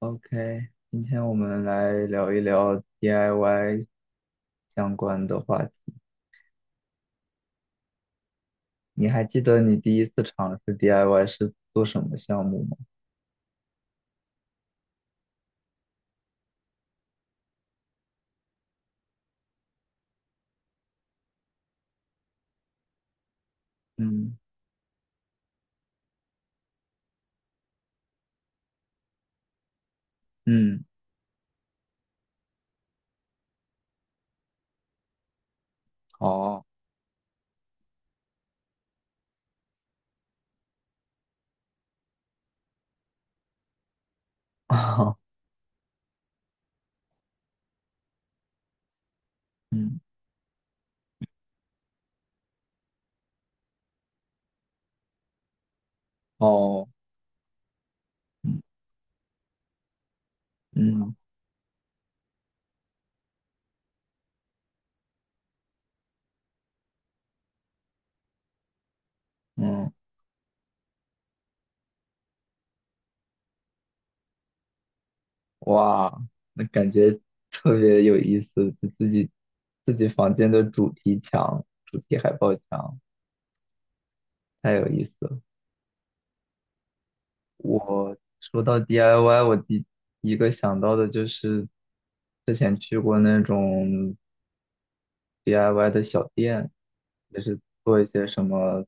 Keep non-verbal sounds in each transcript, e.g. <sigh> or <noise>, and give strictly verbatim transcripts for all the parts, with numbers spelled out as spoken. OK，今天我们来聊一聊 D I Y 相关的话题。你还记得你第一次尝试 D I Y 是做什么项目吗？嗯嗯，好，<laughs> 嗯哦，嗯嗯，哇，那感觉特别有意思，就自己自己房间的主题墙、主题海报墙，太有意思了。我说到 D I Y，我第一个想到的就是之前去过那种 D I Y 的小店，就是做一些什么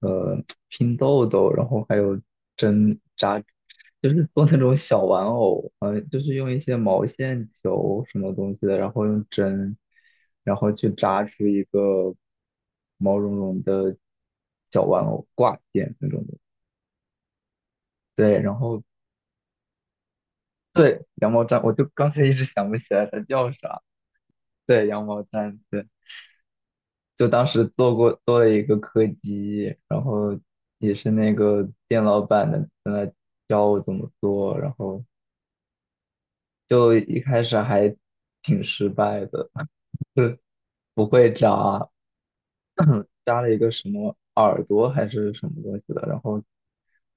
呃拼豆豆，然后还有针扎，就是做那种小玩偶，呃，就是用一些毛线球什么东西的，然后用针，然后去扎出一个毛茸茸的小玩偶挂件那种的。对，然后对，羊毛毡，我就刚才一直想不起来它叫啥。对，羊毛毡，对，就当时做过做了一个柯基，然后也是那个店老板的在那教我怎么做，然后就一开始还挺失败的，<laughs> 就不会扎，<clears throat> 扎了一个什么耳朵还是什么东西的，然后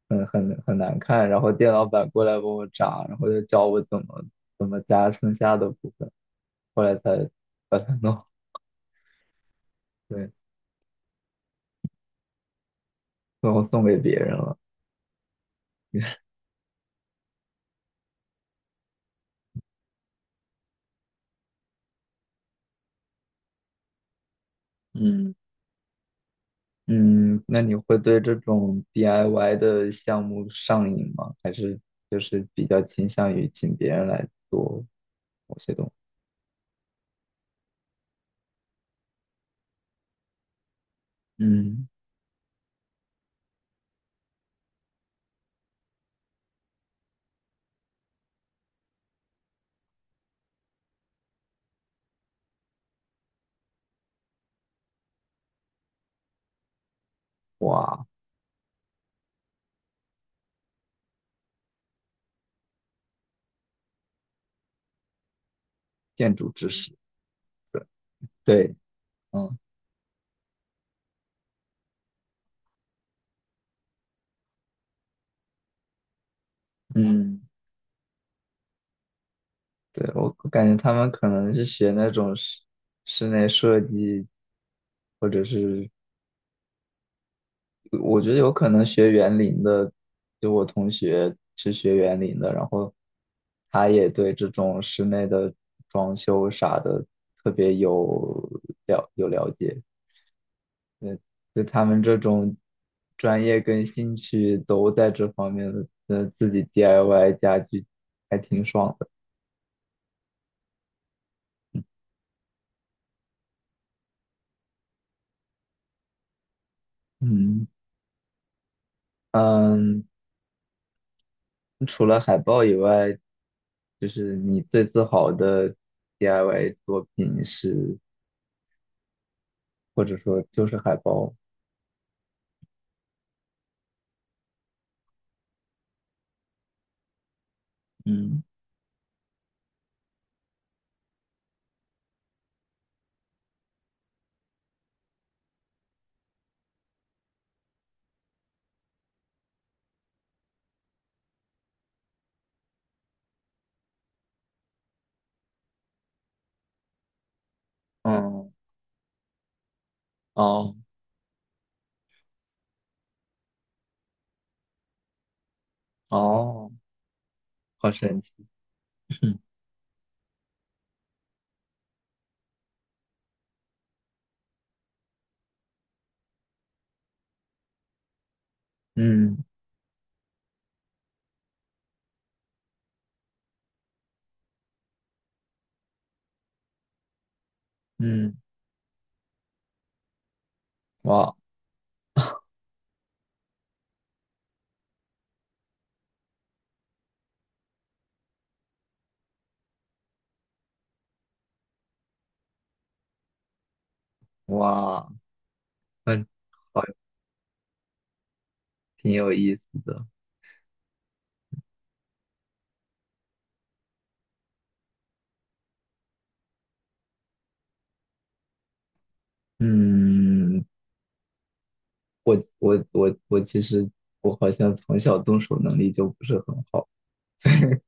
很很很难看，然后店老板过来帮我扎，然后就教我怎么怎么扎剩下的部分。后来才把它弄对，最后送给别人了。<laughs> 嗯，嗯，那你会对这种 D I Y 的项目上瘾吗？还是就是比较倾向于请别人来做某些东西？嗯，哇，建筑知识，对，嗯嗯，对，我我感觉他们可能是学那种室室内设计，或者是我觉得有可能学园林的，就我同学是学园林的，然后他也对这种室内的装修啥的特别有了有了解，就他们这种专业跟兴趣都在这方面的，呃，自己 D I Y 家具还挺爽的。嗯嗯，除了海报以外，就是你最自豪的 D I Y 作品是，或者说就是海报。嗯，哦哦，哦，好神奇，<laughs> 嗯嗯，哇哇，很好，挺有意思的。嗯，我我我我其实我好像从小动手能力就不是很好，<laughs> 对，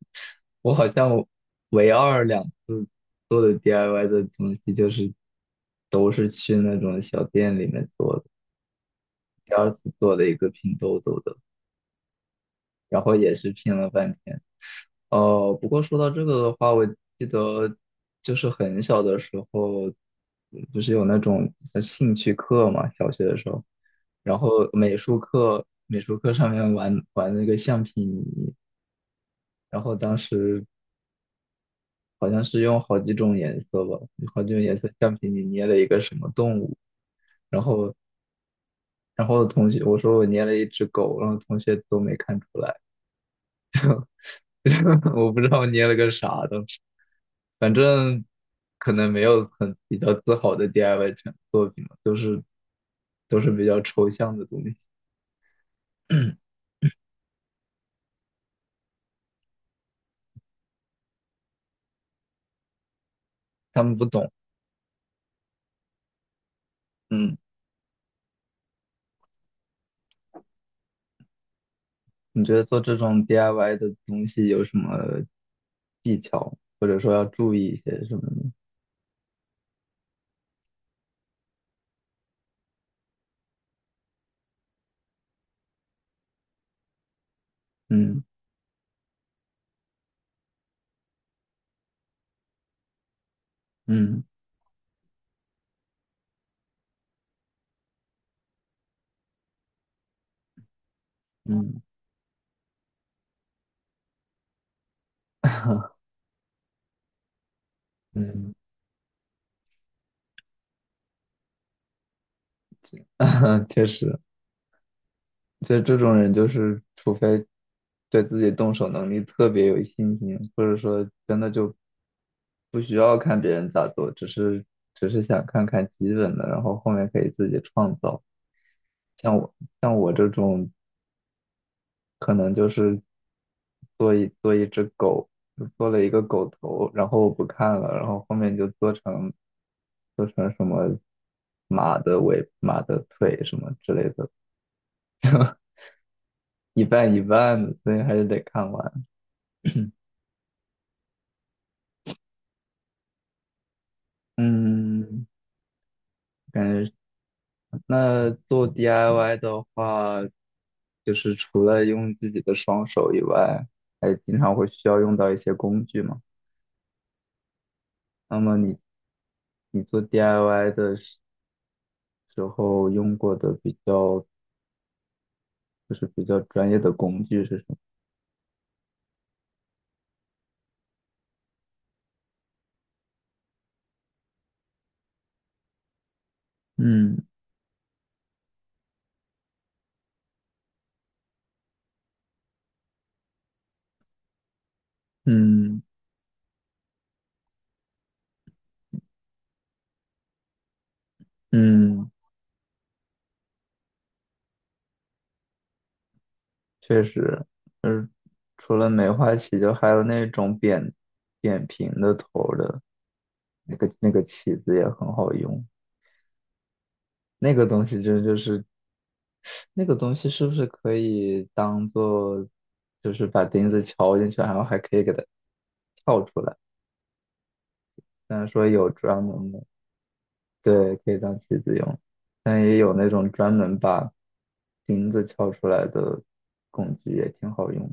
我好像唯二两次做的 D I Y 的东西就是都是去那种小店里面做的，第二次做了一个拼豆豆的，然后也是拼了半天。呃，不过说到这个的话，我记得就是很小的时候，不是有那种呃兴趣课嘛，小学的时候，然后美术课，美术课上面玩玩那个橡皮泥，然后当时好像是用好几种颜色吧，好几种颜色橡皮泥捏了一个什么动物，然后然后同学我说我捏了一只狗，然后同学都没看出来，<laughs> 我不知道我捏了个啥反正可能没有很比较自豪的 D I Y 成作品了，都是都是比较抽象的东西，他们不懂。嗯，你觉得做这种 D I Y 的东西有什么技巧，或者说要注意一些什么呢？嗯嗯嗯 <laughs> 嗯，<laughs> 确实。就这种人，就是除非对自己动手能力特别有信心，或者说真的就不需要看别人咋做，只是只是想看看基本的，然后后面可以自己创造。像我像我这种，可能就是做一做一只狗，就做了一个狗头，然后我不看了，然后后面就做成做成什么马的尾、马的腿什么之类的，一半一半的，所以还是得看完。嗯，感觉那做 D I Y 的话，就是除了用自己的双手以外，还经常会需要用到一些工具嘛。那么你你做 D I Y 的时时候用过的比较就是比较专业的工具是什么？嗯嗯嗯，确实，就是除了梅花起，就还有那种扁扁平的头儿的那个那个起子也很好用。那个东西真就是那个东西是不是可以当做，就是把钉子敲进去，然后还可以给它撬出来？虽然说有专门的，对，可以当棋子用，但也有那种专门把钉子撬出来的工具，也挺好用。